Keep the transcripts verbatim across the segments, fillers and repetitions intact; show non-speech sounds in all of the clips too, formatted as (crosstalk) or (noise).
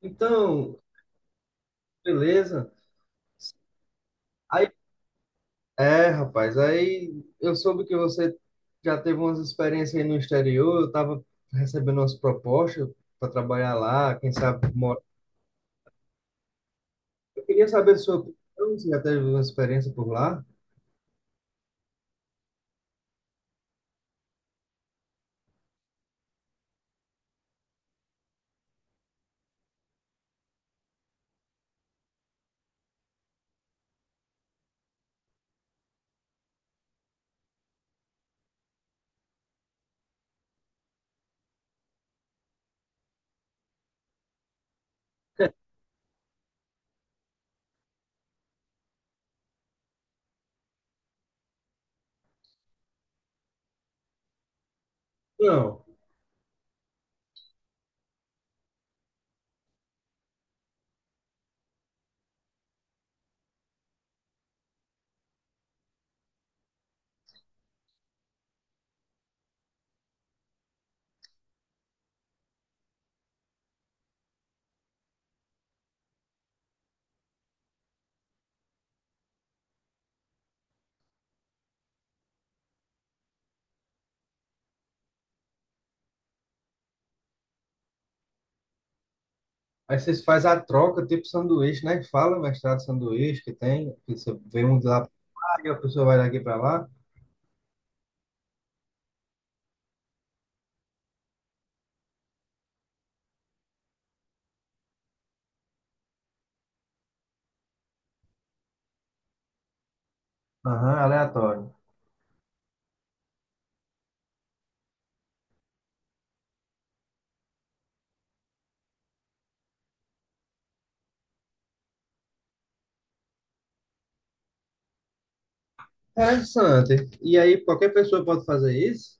Então, beleza. Aí, é, rapaz, aí eu soube que você já teve umas experiências aí no exterior, eu tava recebendo umas propostas para trabalhar lá, quem sabe mora. Eu queria saber sua opinião, você já teve uma experiência por lá? Não. Aí vocês fazem a troca, tipo sanduíche, né? Fala, mestrado sanduíche que tem, que você vem um de lá, e a pessoa vai daqui para lá. Aham, aleatório. Interessante. E aí, qualquer pessoa pode fazer isso?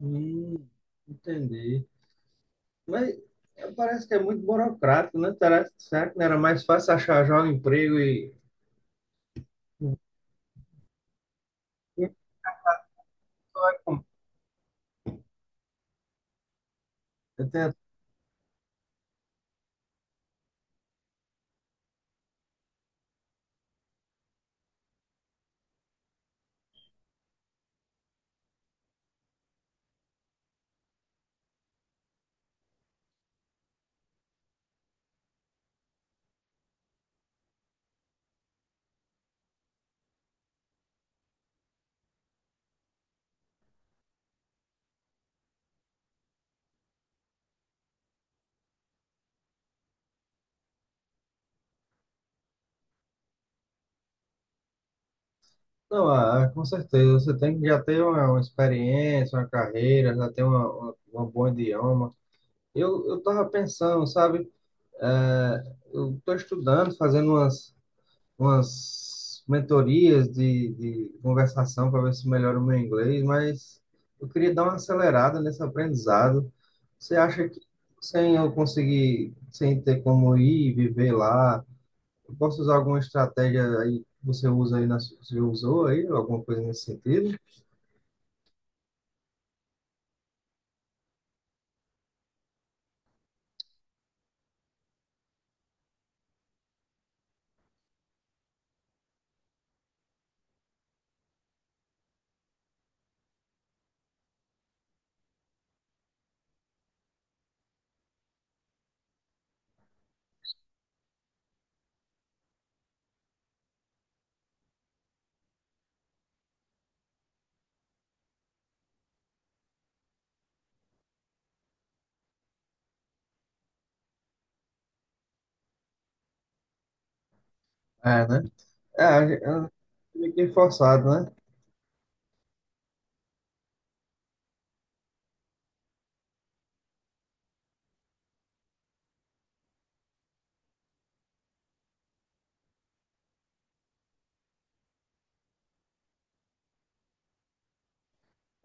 Hum, entendi. Mas é, parece que é muito burocrático, né? Será, será que não era mais fácil achar já um emprego e. Eu tenho- Não, ah, ah, com certeza, você tem que já ter uma, uma experiência, uma carreira, já ter uma, uma, uma bom idioma. Eu, eu tava pensando, sabe? É, eu tô estudando, fazendo umas, umas mentorias de, de conversação para ver se melhora o meu inglês, mas eu queria dar uma acelerada nesse aprendizado. Você acha que sem eu conseguir, sem ter como ir e viver lá, eu posso usar alguma estratégia aí que você usa aí, na, você usou aí, alguma coisa nesse sentido? É, né? É, a gen- eu fiquei forçado, né?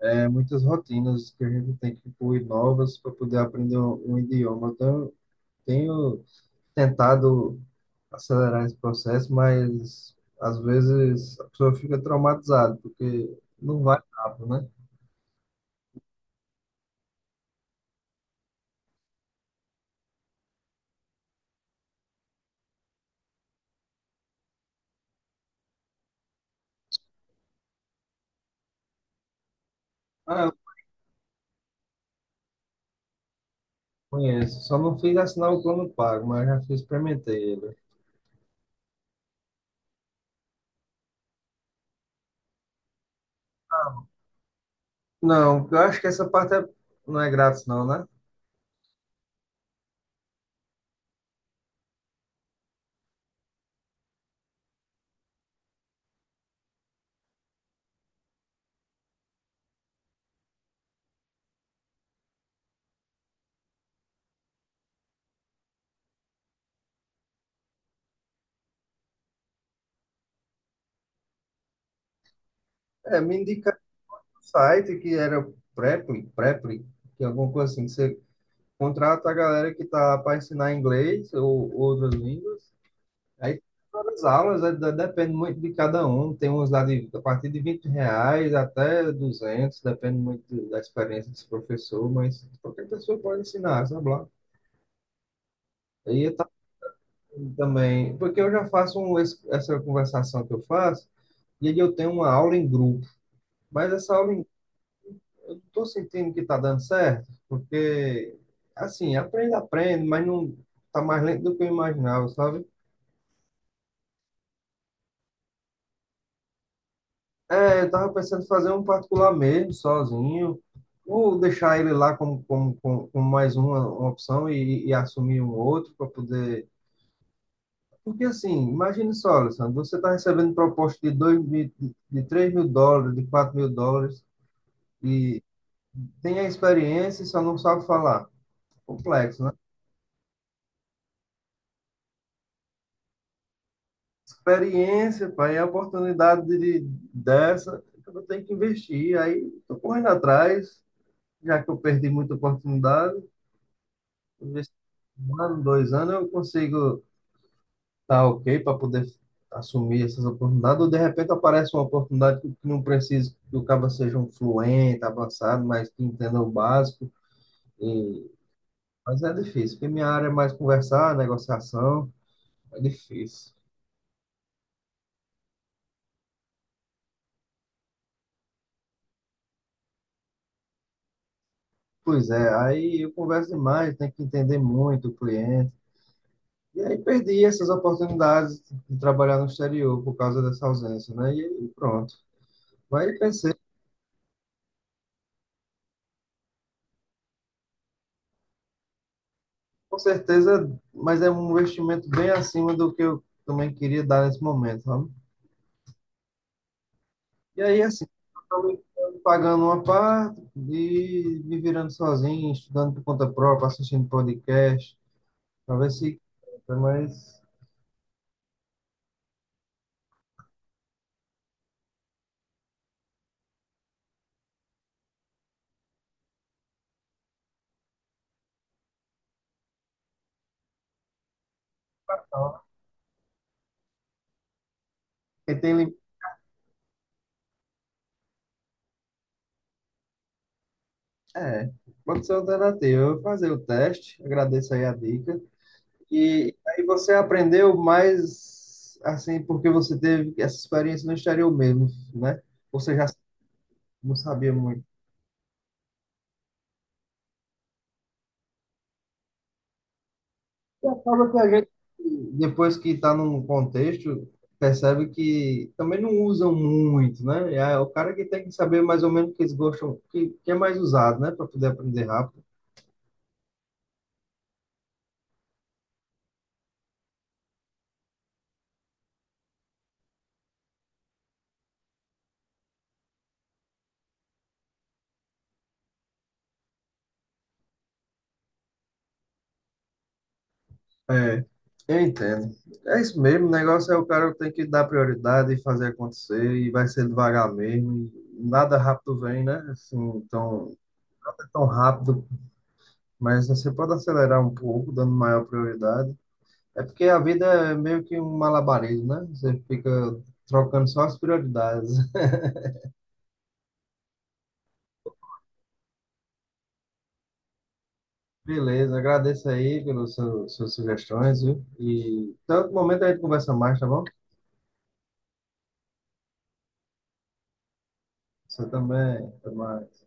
É, muitas rotinas que a gente tem que incluir novas para poder aprender um, um idioma. Então, eu tenho tentado acelerar esse processo, mas às vezes a pessoa fica traumatizada, porque não vai rápido, né? Ah, eu conheço, só não fiz assinar o plano pago, mas já fiz, experimentei ele. Não, porque eu acho que essa parte é- não é grátis, não, né? É, me indicaram um site que era Preply, Preply, que é alguma coisa assim, que você contrata a galera que tá para ensinar inglês ou outras línguas. Aí as aulas, é, de- depende muito de cada um. Tem uns lá de, a partir de vinte reais até duzentos depende muito do- da experiência desse professor, mas qualquer pessoa pode ensinar, sabe lá. E eu ta- também, porque eu já faço um, es- essa conversação que eu faço, e aí eu tenho uma aula em grupo. Mas essa aula, em- eu não estou sentindo que está dando certo, porque, assim, aprende, aprende, mas não está mais lento do que eu imaginava, sabe? É, eu tava pensando em fazer um particular mesmo, sozinho, ou deixar ele lá como, como, como, como mais uma, uma opção e, e assumir um outro para poder. Porque assim, imagine só, Alessandro, você está recebendo proposta de, dois mil, de, de três mil dólares, de quatro mil dólares, e tem a experiência e só não sabe falar. Complexo, né? Experiência, pai, é a oportunidade de, dessa, eu tenho que investir. Aí, tô correndo atrás, já que eu perdi muita oportunidade. Vamos ver se um ano, dois anos eu consigo estar ok para poder assumir essas oportunidades, ou de repente aparece uma oportunidade que que não precisa que o cara seja um fluente, avançado, mas que entenda o básico. E. Mas é difícil, porque minha área é mais conversar, negociação, é difícil. Pois é, aí eu converso demais, tenho que entender muito o cliente. E aí perdi essas oportunidades de trabalhar no exterior por causa dessa ausência, né? E aí pronto. Mas com certeza, mas é um investimento bem acima do que eu também queria dar nesse momento, sabe? E aí, assim, eu tô me- pagando uma parte e me virando sozinho, estudando por conta própria, assistindo podcast, pra ver se. Mas ó, quem tem lim-. É, pode ser alternativa. Eu vou fazer o teste, agradeço aí a dica. E aí você aprendeu mais, assim, porque você teve essa experiência no exterior mesmo, né? Você já não sabia muito. E acaba que a gente, depois que está num contexto, percebe que também não usam muito, né? É o cara que tem que saber mais ou menos o que eles gostam, o que, que é mais usado, né? Para poder aprender rápido. É, eu entendo. É isso mesmo, o negócio é o cara tem que dar prioridade e fazer acontecer, e vai ser devagar mesmo. E nada rápido vem, né? Assim, tão, não é tão rápido, mas você pode acelerar um pouco, dando maior prioridade. É porque a vida é meio que um malabarismo, né? Você fica trocando só as prioridades. (laughs) Beleza, agradeço aí pelas su- suas sugestões, viu? E tanto momento a gente conversa mais, tá bom? Você também, até mais.